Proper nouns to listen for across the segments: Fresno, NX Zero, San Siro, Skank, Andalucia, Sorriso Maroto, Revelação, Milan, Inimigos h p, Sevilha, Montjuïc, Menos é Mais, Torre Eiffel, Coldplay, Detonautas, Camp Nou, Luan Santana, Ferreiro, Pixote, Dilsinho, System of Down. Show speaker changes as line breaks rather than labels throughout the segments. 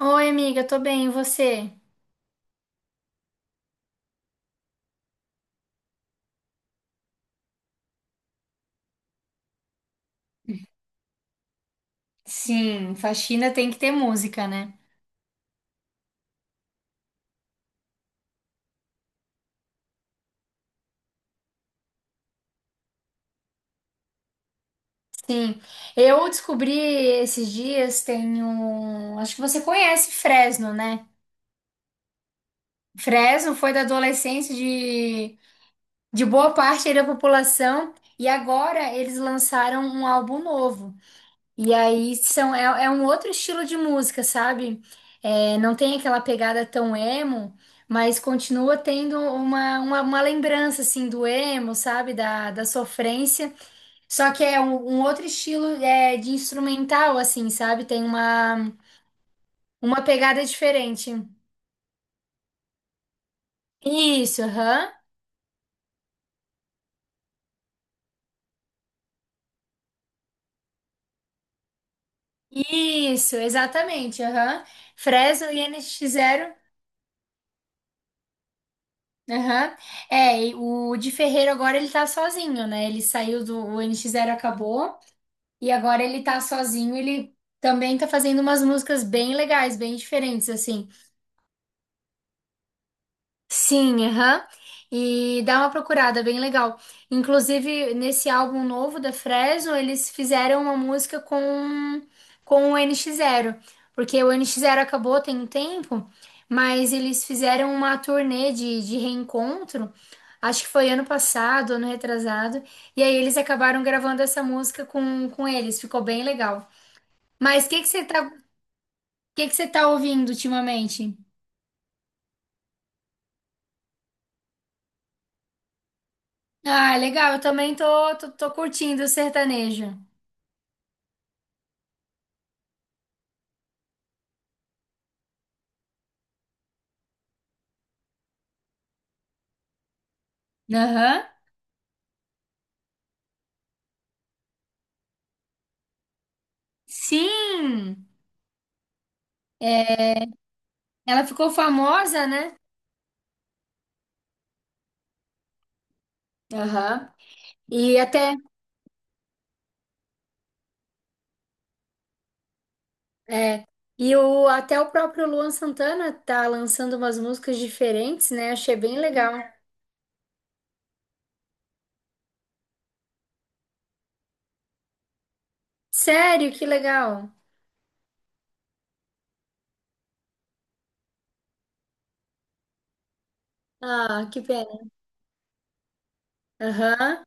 Oi, amiga, tô bem, e você? Sim, faxina tem que ter música, né? Sim, eu descobri esses dias, tem um... Acho que você conhece Fresno, né? Fresno foi da adolescência de boa parte aí da população e agora eles lançaram um álbum novo. E aí é um outro estilo de música, sabe? É, não tem aquela pegada tão emo, mas continua tendo uma lembrança, assim, do emo, sabe? Da sofrência. Só que é um outro estilo de instrumental, assim, sabe? Tem uma pegada diferente. Isso, aham. Isso, exatamente, aham. Fresno e NX Zero. Aham. É, e o de Ferreiro agora ele tá sozinho, né? Ele saiu do o NX Zero, acabou, e agora ele tá sozinho, ele também tá fazendo umas músicas bem legais, bem diferentes assim. Sim, aham. E dá uma procurada, bem legal. Inclusive, nesse álbum novo da Fresno, eles fizeram uma música com o NX Zero. Porque o NX Zero acabou tem um tempo, mas eles fizeram uma turnê de reencontro. Acho que foi ano passado, ano retrasado. E aí eles acabaram gravando essa música com eles. Ficou bem legal. Mas o que que você tá ouvindo ultimamente? Ah, legal. Eu também tô curtindo o sertanejo. Aham. Sim! Ela ficou famosa, né? Aham. E até, é, até o próprio Luan Santana tá lançando umas músicas diferentes, né? Achei bem legal. Sério, que legal. Ah, que pena. Aham.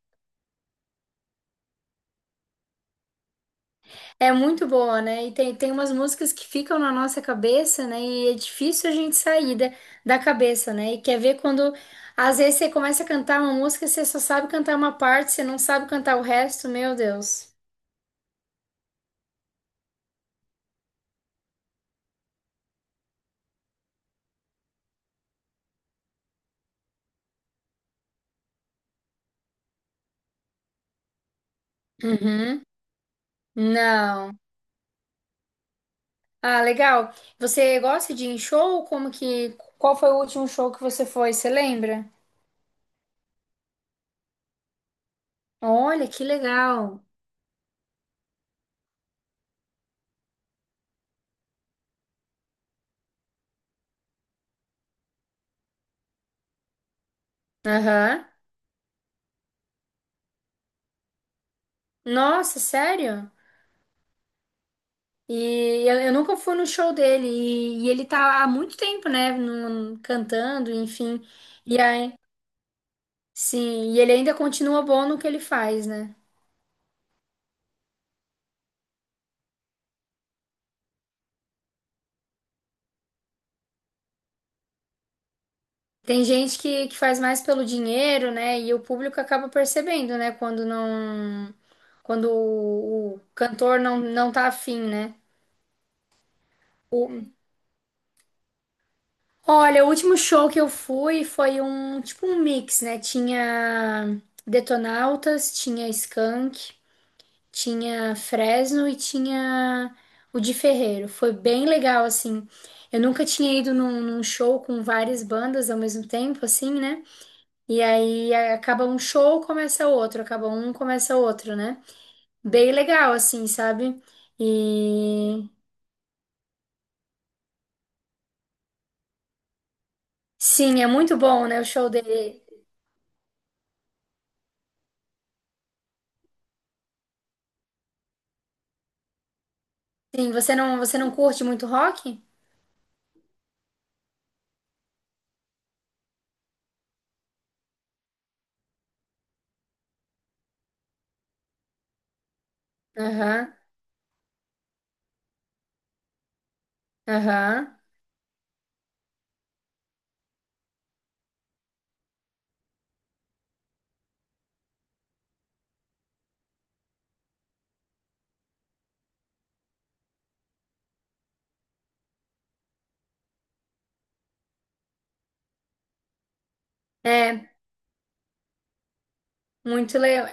É muito boa, né? E tem umas músicas que ficam na nossa cabeça, né? E é difícil a gente sair da cabeça, né? E quer ver quando, às vezes, você começa a cantar uma música, você só sabe cantar uma parte, você não sabe cantar o resto, meu Deus. Uhum. Não. Ah, legal. Você gosta de ir em show? Como que. Qual foi o último show que você foi? Você lembra? Olha, que legal. Aham. Nossa, sério? E eu nunca fui no show dele. E ele tá há muito tempo, né? Cantando, enfim. E aí, sim, e ele ainda continua bom no que ele faz, né? Tem gente que faz mais pelo dinheiro, né? E o público acaba percebendo, né? Quando não. Quando o cantor não tá afim, né? O- olha, o último show que eu fui foi um tipo um mix, né? Tinha Detonautas, tinha Skank. Tinha Fresno e tinha o de Ferreiro. Foi bem legal, assim. Eu nunca tinha ido num show com várias bandas ao mesmo tempo, assim, né? E aí acaba um show, começa outro, acaba um, começa outro, né? Bem legal, assim, sabe? E sim, é muito bom, né? O show dele. Sim, você não curte muito rock? Aham, aham. É, muito legal.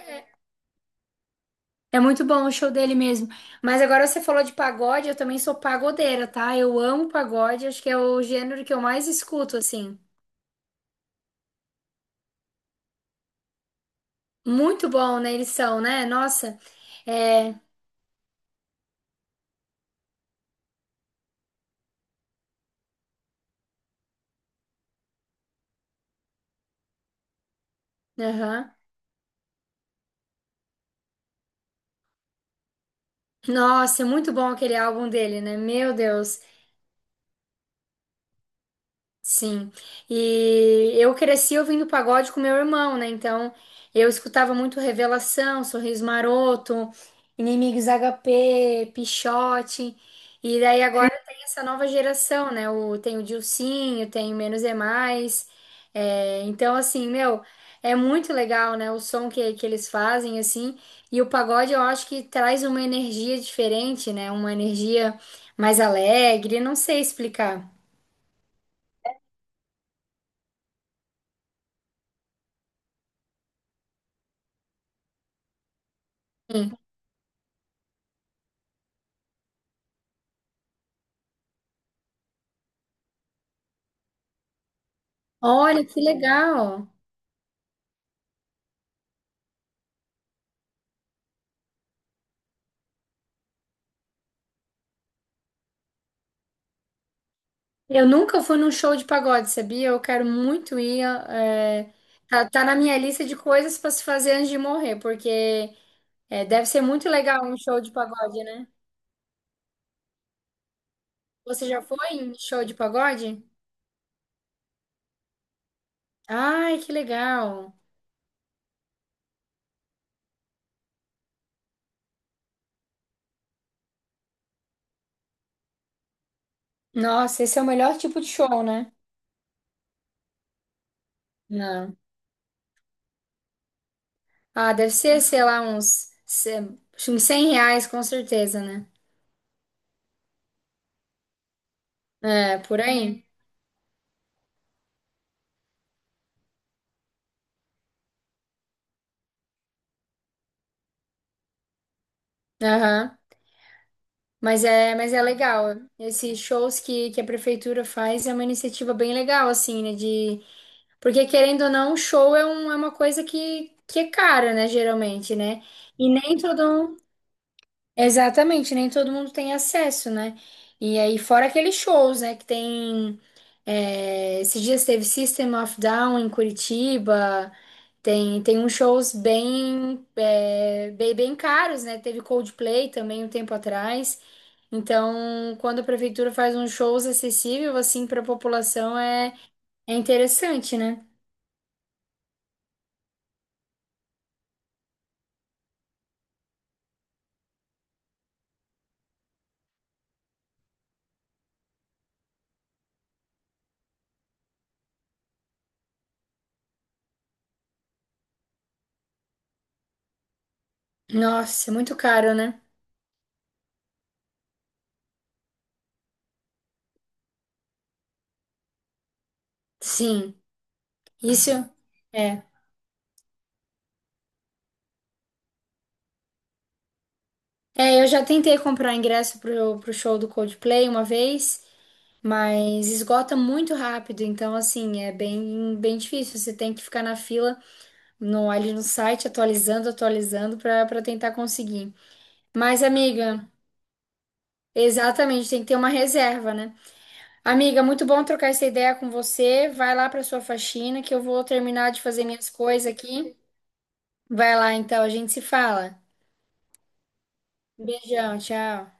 É muito bom o show dele mesmo. Mas agora você falou de pagode, eu também sou pagodeira, tá? Eu amo pagode, acho que é o gênero que eu mais escuto, assim. Muito bom, né? Eles são, né? Nossa, é. Aham. Nossa, é muito bom aquele álbum dele, né? Meu Deus. Sim, e eu cresci ouvindo pagode com meu irmão, né? Então eu escutava muito Revelação, Sorriso Maroto, Inimigos HP Pixote, e daí agora tem essa nova geração, né? Tem o Dilsinho, tem o Menos é Mais, é, então assim, meu, é muito legal, né? O som que eles fazem, assim, e o pagode eu acho que traz uma energia diferente, né? Uma energia mais alegre, não sei explicar. Olha que legal! Eu nunca fui num show de pagode, sabia? Eu quero muito ir. Tá na minha lista de coisas para se fazer antes de morrer, porque deve ser muito legal um show de pagode, né? Você já foi em show de pagode? Ai, que legal! Nossa, esse é o melhor tipo de show, né? Não. Ah, deve ser, sei lá, uns, se- uns R$ 100, com certeza, né? É, por aí. Aham. Mas é legal. Esses shows que a prefeitura faz é uma iniciativa bem legal, assim, né? De... Porque, querendo ou não, show é uma coisa que é cara, né? Geralmente, né? E nem todo mundo... Exatamente, nem todo mundo tem acesso, né? E aí, fora aqueles shows, né? Que tem... Esses dias teve System of Down em Curitiba... Tem uns shows bem caros, né? Teve Coldplay também um tempo atrás. Então, quando a prefeitura faz uns shows acessível assim para a população é interessante, né? Nossa, é muito caro, né? Sim, isso é. É, eu já tentei comprar ingresso pro show do Coldplay uma vez, mas esgota muito rápido, então assim, é bem bem difícil. Você tem que ficar na fila no site atualizando, atualizando para tentar conseguir. Mas, amiga, exatamente, tem que ter uma reserva, né? Amiga, muito bom trocar essa ideia com você. Vai lá para sua faxina que eu vou terminar de fazer minhas coisas aqui. Vai lá então, a gente se fala. Beijão, tchau.